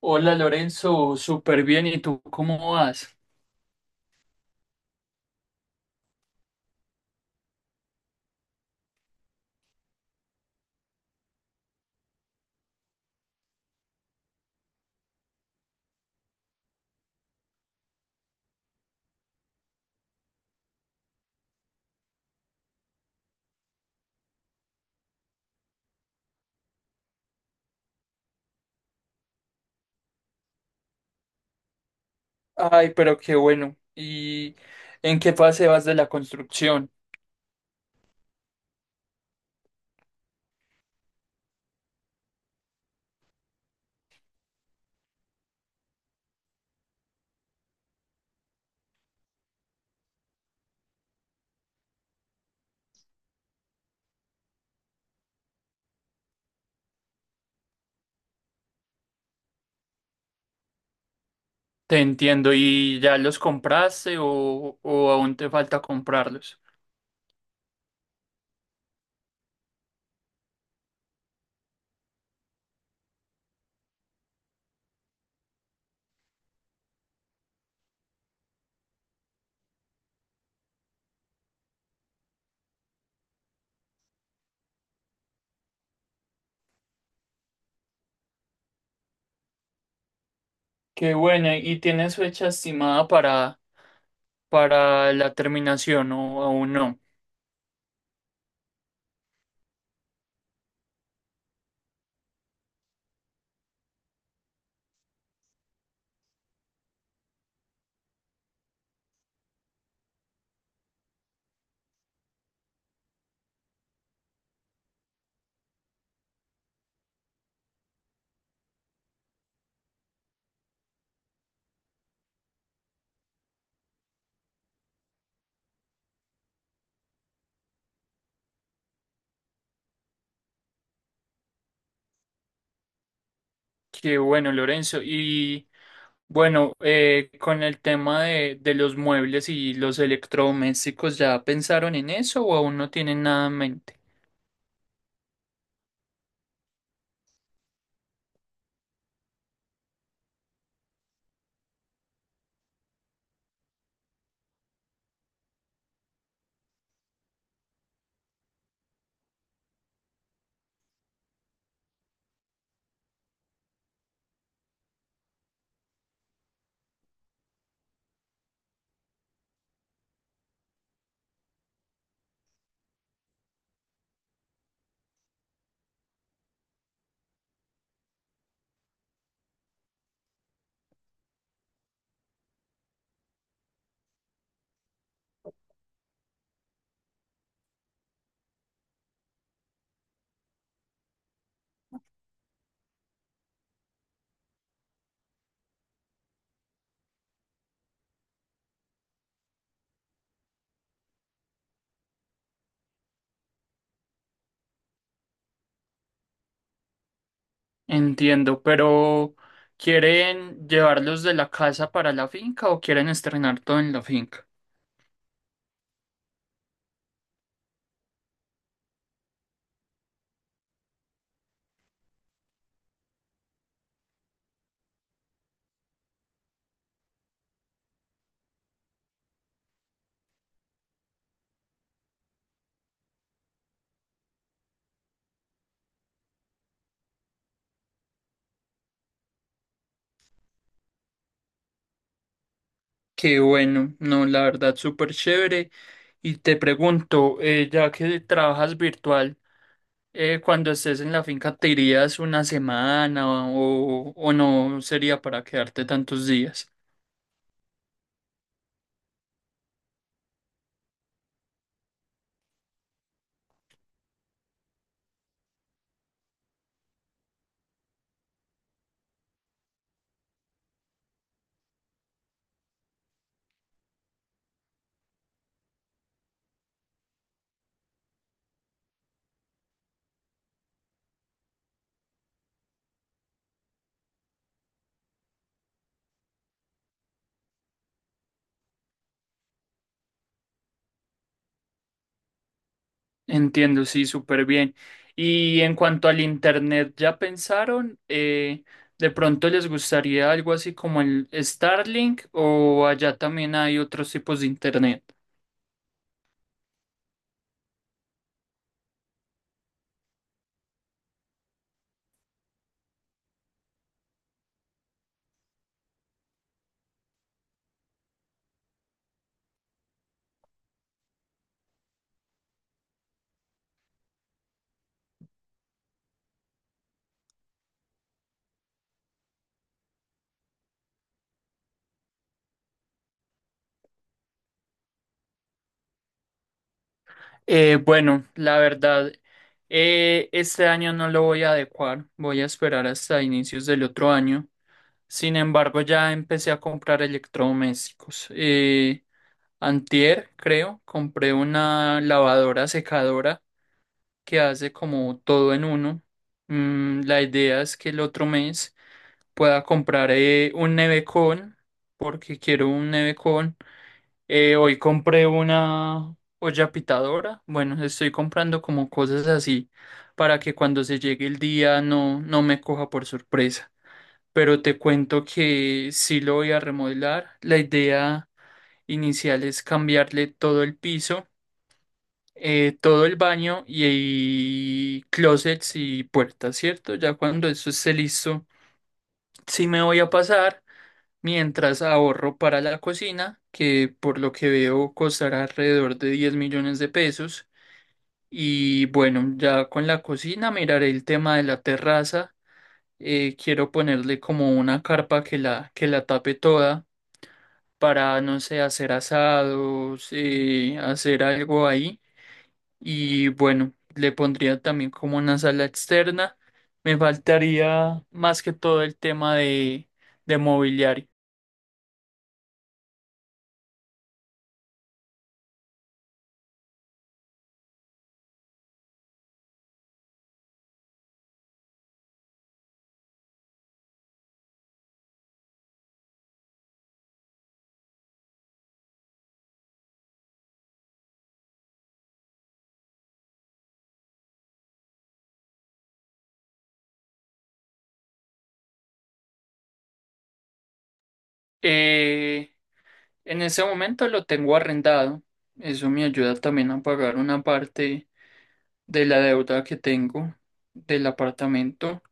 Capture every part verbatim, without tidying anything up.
Hola Lorenzo, súper bien. ¿Y tú cómo vas? Ay, pero qué bueno. ¿Y en qué fase vas de la construcción? Te entiendo. ¿Y ya los compraste o, o aún te falta comprarlos? Qué bueno. ¿Y tienes fecha estimada para, para la terminación o aún no? Qué bueno, Lorenzo. Y bueno, eh, con el tema de, de los muebles y los electrodomésticos, ¿ya pensaron en eso o aún no tienen nada en mente? Entiendo, pero ¿quieren llevarlos de la casa para la finca o quieren estrenar todo en la finca? Qué bueno, no, la verdad, súper chévere. Y te pregunto, eh, ya que trabajas virtual, eh, cuando estés en la finca, ¿te irías una semana o, o no sería para quedarte tantos días? Entiendo, sí, súper bien. Y en cuanto al internet, ¿ya pensaron? Eh, ¿de pronto les gustaría algo así como el Starlink o allá también hay otros tipos de internet? Eh, bueno, la verdad, eh, este año no lo voy a adecuar, voy a esperar hasta inicios del otro año. Sin embargo, ya empecé a comprar electrodomésticos. Eh, antier, creo, compré una lavadora secadora que hace como todo en uno. Mm, la idea es que el otro mes pueda comprar eh, un nevecón, porque quiero un nevecón. Eh, hoy compré una olla pitadora. Bueno, estoy comprando como cosas así para que cuando se llegue el día no, no me coja por sorpresa. Pero te cuento que sí lo voy a remodelar. La idea inicial es cambiarle todo el piso, eh, todo el baño y, y closets y puertas, ¿cierto? Ya cuando eso esté listo, sí me voy a pasar mientras ahorro para la cocina, que por lo que veo costará alrededor de diez millones de pesos. Y bueno, ya con la cocina miraré el tema de la terraza. Eh, quiero ponerle como una carpa que la, que la tape toda para, no sé, hacer asados, eh, hacer algo ahí. Y bueno, le pondría también como una sala externa. Me faltaría más que todo el tema de, de mobiliario. Eh, en ese momento lo tengo arrendado. Eso me ayuda también a pagar una parte de la deuda que tengo del apartamento.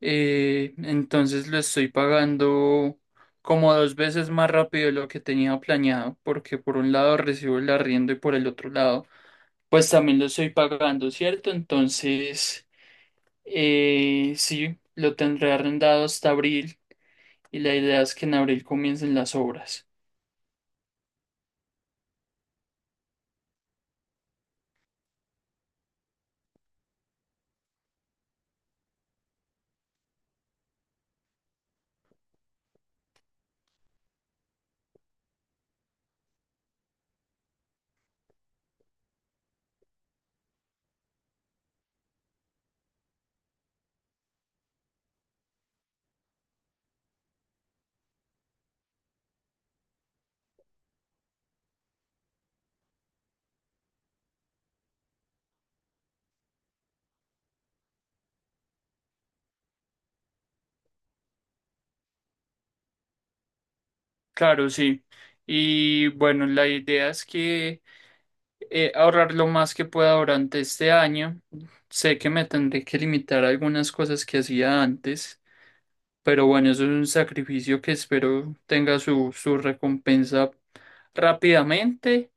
Eh, entonces lo estoy pagando como dos veces más rápido de lo que tenía planeado, porque por un lado recibo el arriendo y por el otro lado pues también lo estoy pagando, ¿cierto? Entonces, eh, sí, lo tendré arrendado hasta abril y la idea es que en abril comiencen las obras. Claro, sí. Y bueno, la idea es que, eh, ahorrar lo más que pueda durante este año. Sé que me tendré que limitar a algunas cosas que hacía antes, pero bueno, eso es un sacrificio que espero tenga su, su recompensa rápidamente.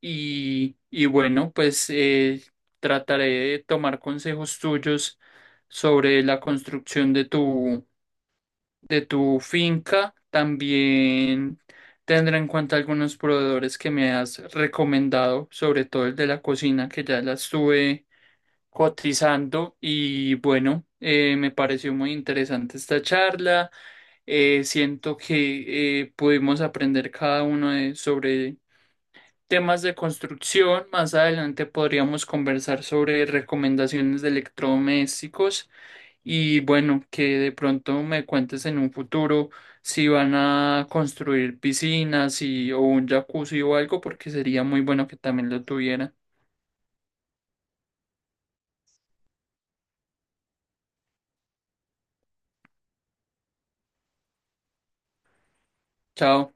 Y, y bueno, pues eh, trataré de tomar consejos tuyos sobre la construcción de tu de tu finca. También tendré en cuenta algunos proveedores que me has recomendado, sobre todo el de la cocina, que ya la estuve cotizando. Y bueno, eh, me pareció muy interesante esta charla. Eh, siento que eh, pudimos aprender cada uno de- sobre temas de construcción. Más adelante podríamos conversar sobre recomendaciones de electrodomésticos y bueno, que de pronto me cuentes en un futuro si van a construir piscinas y, o un jacuzzi o algo, porque sería muy bueno que también lo tuvieran. Chao.